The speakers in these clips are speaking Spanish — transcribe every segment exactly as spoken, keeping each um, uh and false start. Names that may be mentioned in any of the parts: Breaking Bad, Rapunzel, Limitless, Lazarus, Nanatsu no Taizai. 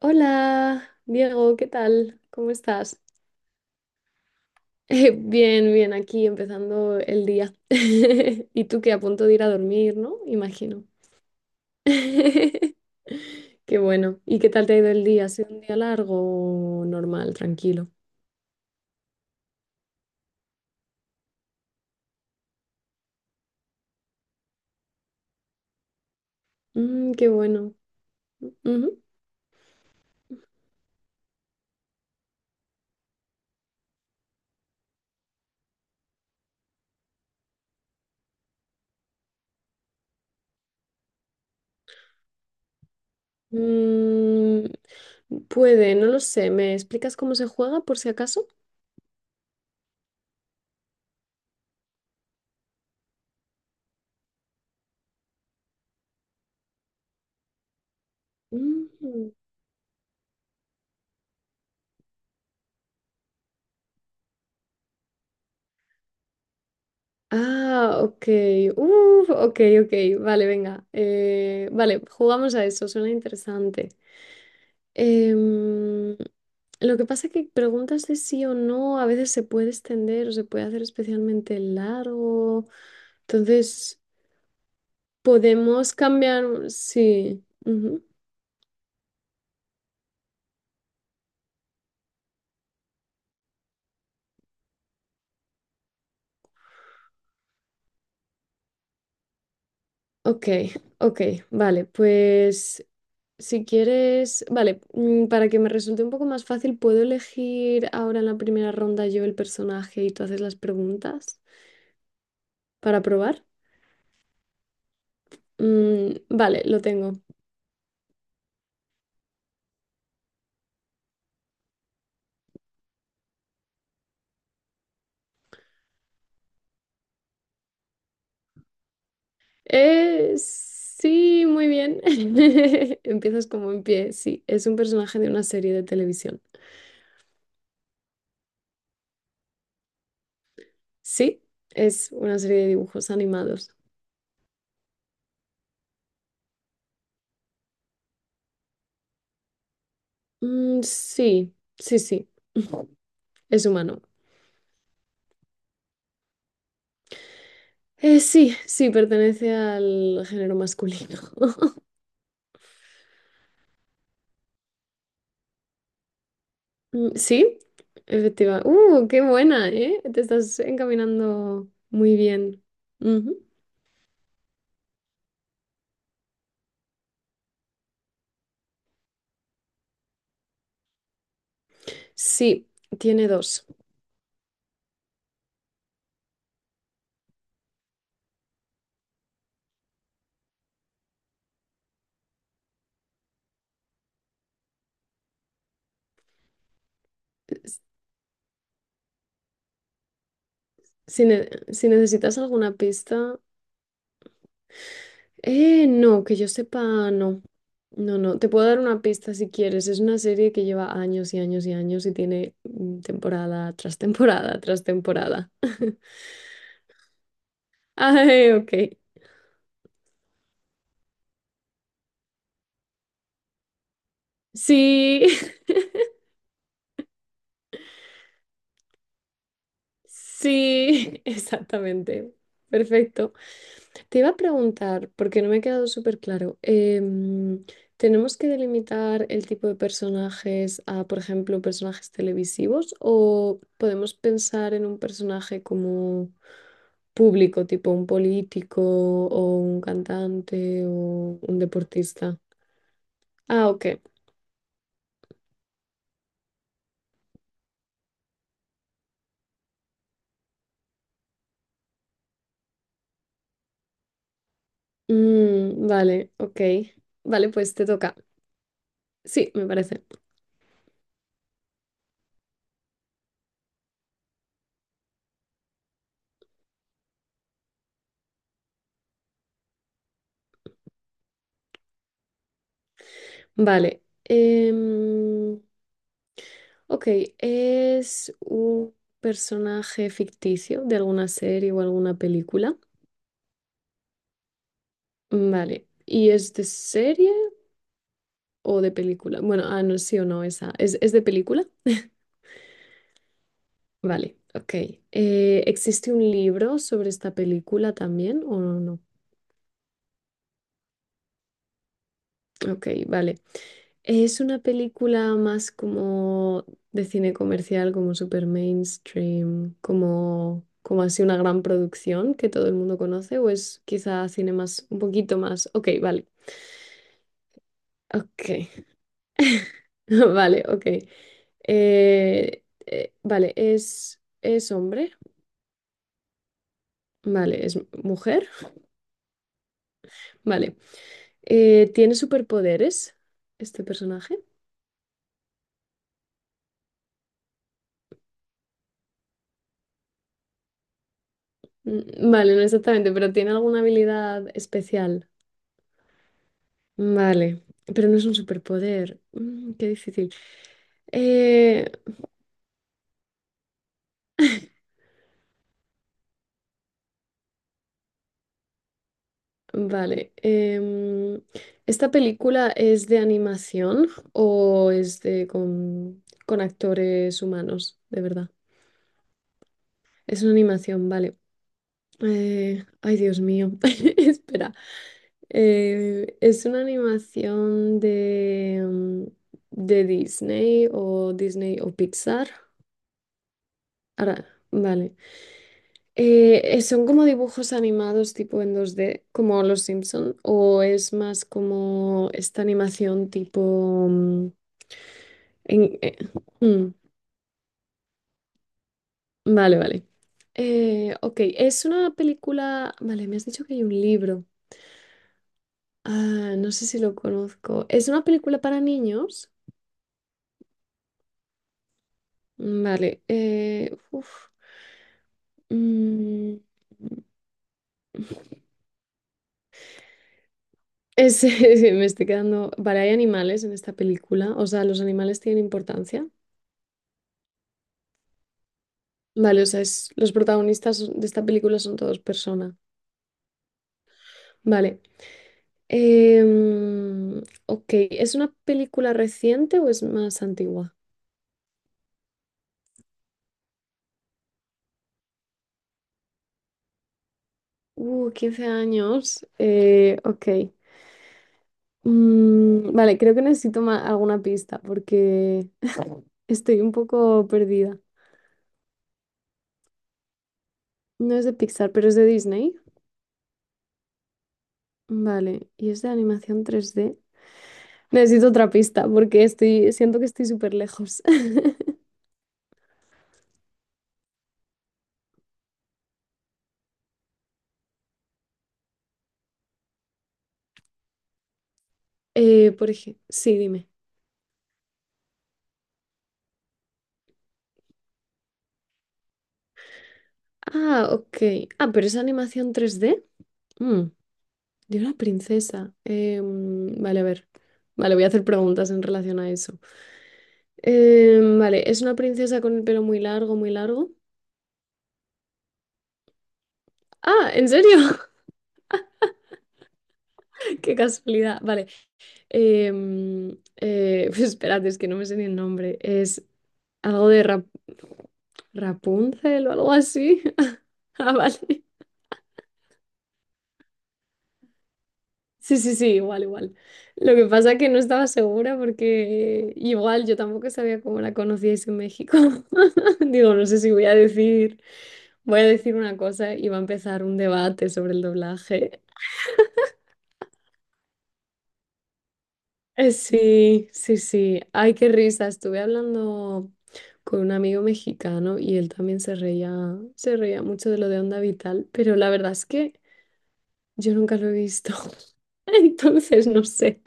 Hola, Diego, ¿qué tal? ¿Cómo estás? Eh, bien, bien, aquí empezando el día. Y tú que a punto de ir a dormir, ¿no? Imagino. Qué bueno. ¿Y qué tal te ha ido el día? ¿Ha sido un día largo o normal, tranquilo? Mm, qué bueno. Ujú. Mm, puede, no lo sé. ¿Me explicas cómo se juega por si acaso? Mm, ah, ok. Uf, ok, ok. Vale, venga. Eh, vale, jugamos a eso, suena interesante. Em, lo que pasa es que preguntas de sí o no a veces se puede extender o se puede hacer especialmente largo. Entonces, podemos cambiar. Sí, ujú. Ok, ok, vale, pues si quieres, vale, mm, para que me resulte un poco más fácil, ¿puedo elegir ahora en la primera ronda yo el personaje y tú haces las preguntas para probar? Mm, vale, lo tengo. Eh, sí, muy bien. Empiezas como en pie, sí, es un personaje de una serie de televisión. Sí, es una serie de dibujos animados. Mm, sí, sí, sí, es humano. Eh, sí, sí, pertenece al género masculino. Mm, sí, efectiva. ¡Uh, qué buena, eh! Te estás encaminando muy bien. Ujú. Sí, tiene dos. S- Si, ne- si necesitas alguna pista... Eh, no, que yo sepa, no. No, no, te puedo dar una pista si quieres. Es una serie que lleva años y años y años y tiene mm, temporada tras temporada tras temporada. Ay, ok. Sí, sí, exactamente. Perfecto. Te iba a preguntar, porque no me ha quedado súper claro, em, ¿tenemos que delimitar el tipo de personajes a, por ejemplo, personajes televisivos o podemos pensar en un personaje como público, tipo un político o un cantante o un deportista? Ah, ok. Mm, vale, ok. Vale, pues te toca. Sí, me parece. Vale. em, Ok, ¿es un personaje ficticio de alguna serie o alguna película? Mm, vale, ¿y es de serie o de película? Bueno, ah, no, sí o no, esa. ¿Es, es de película? Vale, ok. Eh, ¿existe un libro sobre esta película también o no? Ok, vale. Es una película más como de cine comercial, como super mainstream, como, como así una gran producción que todo el mundo conoce, o es quizá cine más, un poquito más. Ok, vale. Ok, vale, ok. Eh, eh, vale, es, es hombre, vale, es mujer, vale. Eh, ¿tiene superpoderes este personaje? Mm, vale, no exactamente, pero ¿tiene alguna habilidad especial? Vale, pero no es un superpoder. Mm, qué difícil. Eh, vale. Em, ¿esta película es de animación o es de con, con actores humanos, de verdad? Es una animación, vale. Eh, ay, Dios mío. Espera. Eh, ¿es una animación de, mm, de Disney o Disney o Pixar? Ahora, vale. Eh, eh, ¿son como dibujos animados tipo en dos d como Los Simpson? ¿O es más como esta animación tipo... mm, en- eh, mm, vale, vale. Eh, ok, es una película... Vale, me has dicho que hay un libro. Ah, no sé si lo conozco. ¿Es una película para niños? Mm, vale. Eh, uf, mm, es- me estoy quedando... Vale, hay animales en esta película. O sea, ¿los animales tienen importancia? Vale, o sea, es- los protagonistas de esta película son todos personas. Vale. Em, ok, ¿es una película reciente o es más antigua? Uh, quince años. Eh, ok. Mm, vale, creo que necesito ma- alguna pista porque estoy un poco perdida. No es de Pixar, pero es de Disney. Vale, y es de animación tres d. Necesito otra pista porque estoy, siento que estoy súper lejos. Eh, por ejemplo, sí, ah, ok. Ah, pero es animación tres d. Mm, de una princesa. Eh, mm, vale, a ver. Vale, voy a hacer preguntas en relación a eso. Eh, vale, es una princesa con el pelo muy largo, muy largo. Ah, ¿en serio? Qué casualidad. Vale. Eh, mm, eh, pues espérate, es que no me sé ni el nombre. Es algo de Rap- Rapunzel o algo así. Ah, vale. Sí, sí, sí, igual, igual. Lo que pasa es que no estaba segura porque igual yo tampoco sabía cómo la conocíais en México. Digo, no sé si voy a decir, voy a decir una cosa y va a empezar un debate sobre el doblaje. Eh, Sí, sí, sí. Ay, qué risa. Estuve hablando con un amigo mexicano y él también se reía, se reía mucho de lo de Onda Vital, pero la verdad es que yo nunca lo he visto. Entonces, no sé.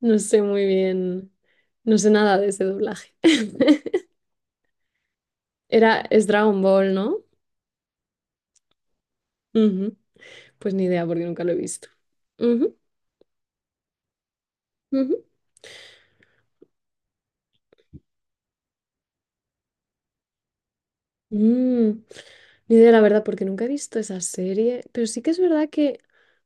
No sé muy bien, no sé nada de ese doblaje. Era, es Dragon Ball, ¿no? Ujú. Pues ni idea porque nunca lo he visto. Ujú, ujú. Mm, ni idea, la verdad, porque nunca he visto esa serie, pero sí que es verdad que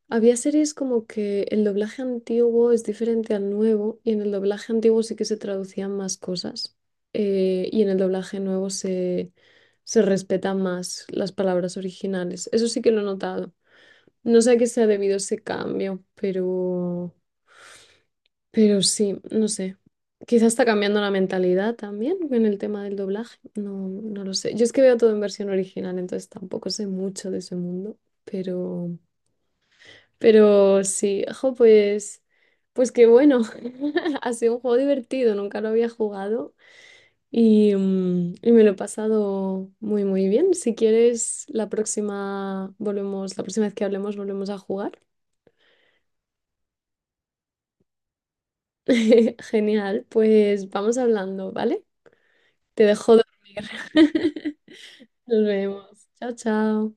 había series como que el doblaje antiguo es diferente al nuevo y en el doblaje antiguo sí que se traducían más cosas eh, y en el doblaje nuevo se, se respetan más las palabras originales. Eso sí que lo he notado. No sé a qué se ha debido ese cambio, pero, pero sí, no sé. Quizás está cambiando la mentalidad también en el tema del doblaje. No, no lo sé. Yo es que veo todo en versión original, entonces tampoco sé mucho de ese mundo, pero, pero sí, ojo, pues, pues qué bueno. Ha sido un juego divertido, nunca lo había jugado y, mm, y me lo he pasado muy, muy bien. Si quieres, la próxima volvemos, la próxima vez que hablemos, volvemos a jugar. Genial, pues vamos hablando, ¿vale? Te dejo dormir. Nos vemos. Chao, chao.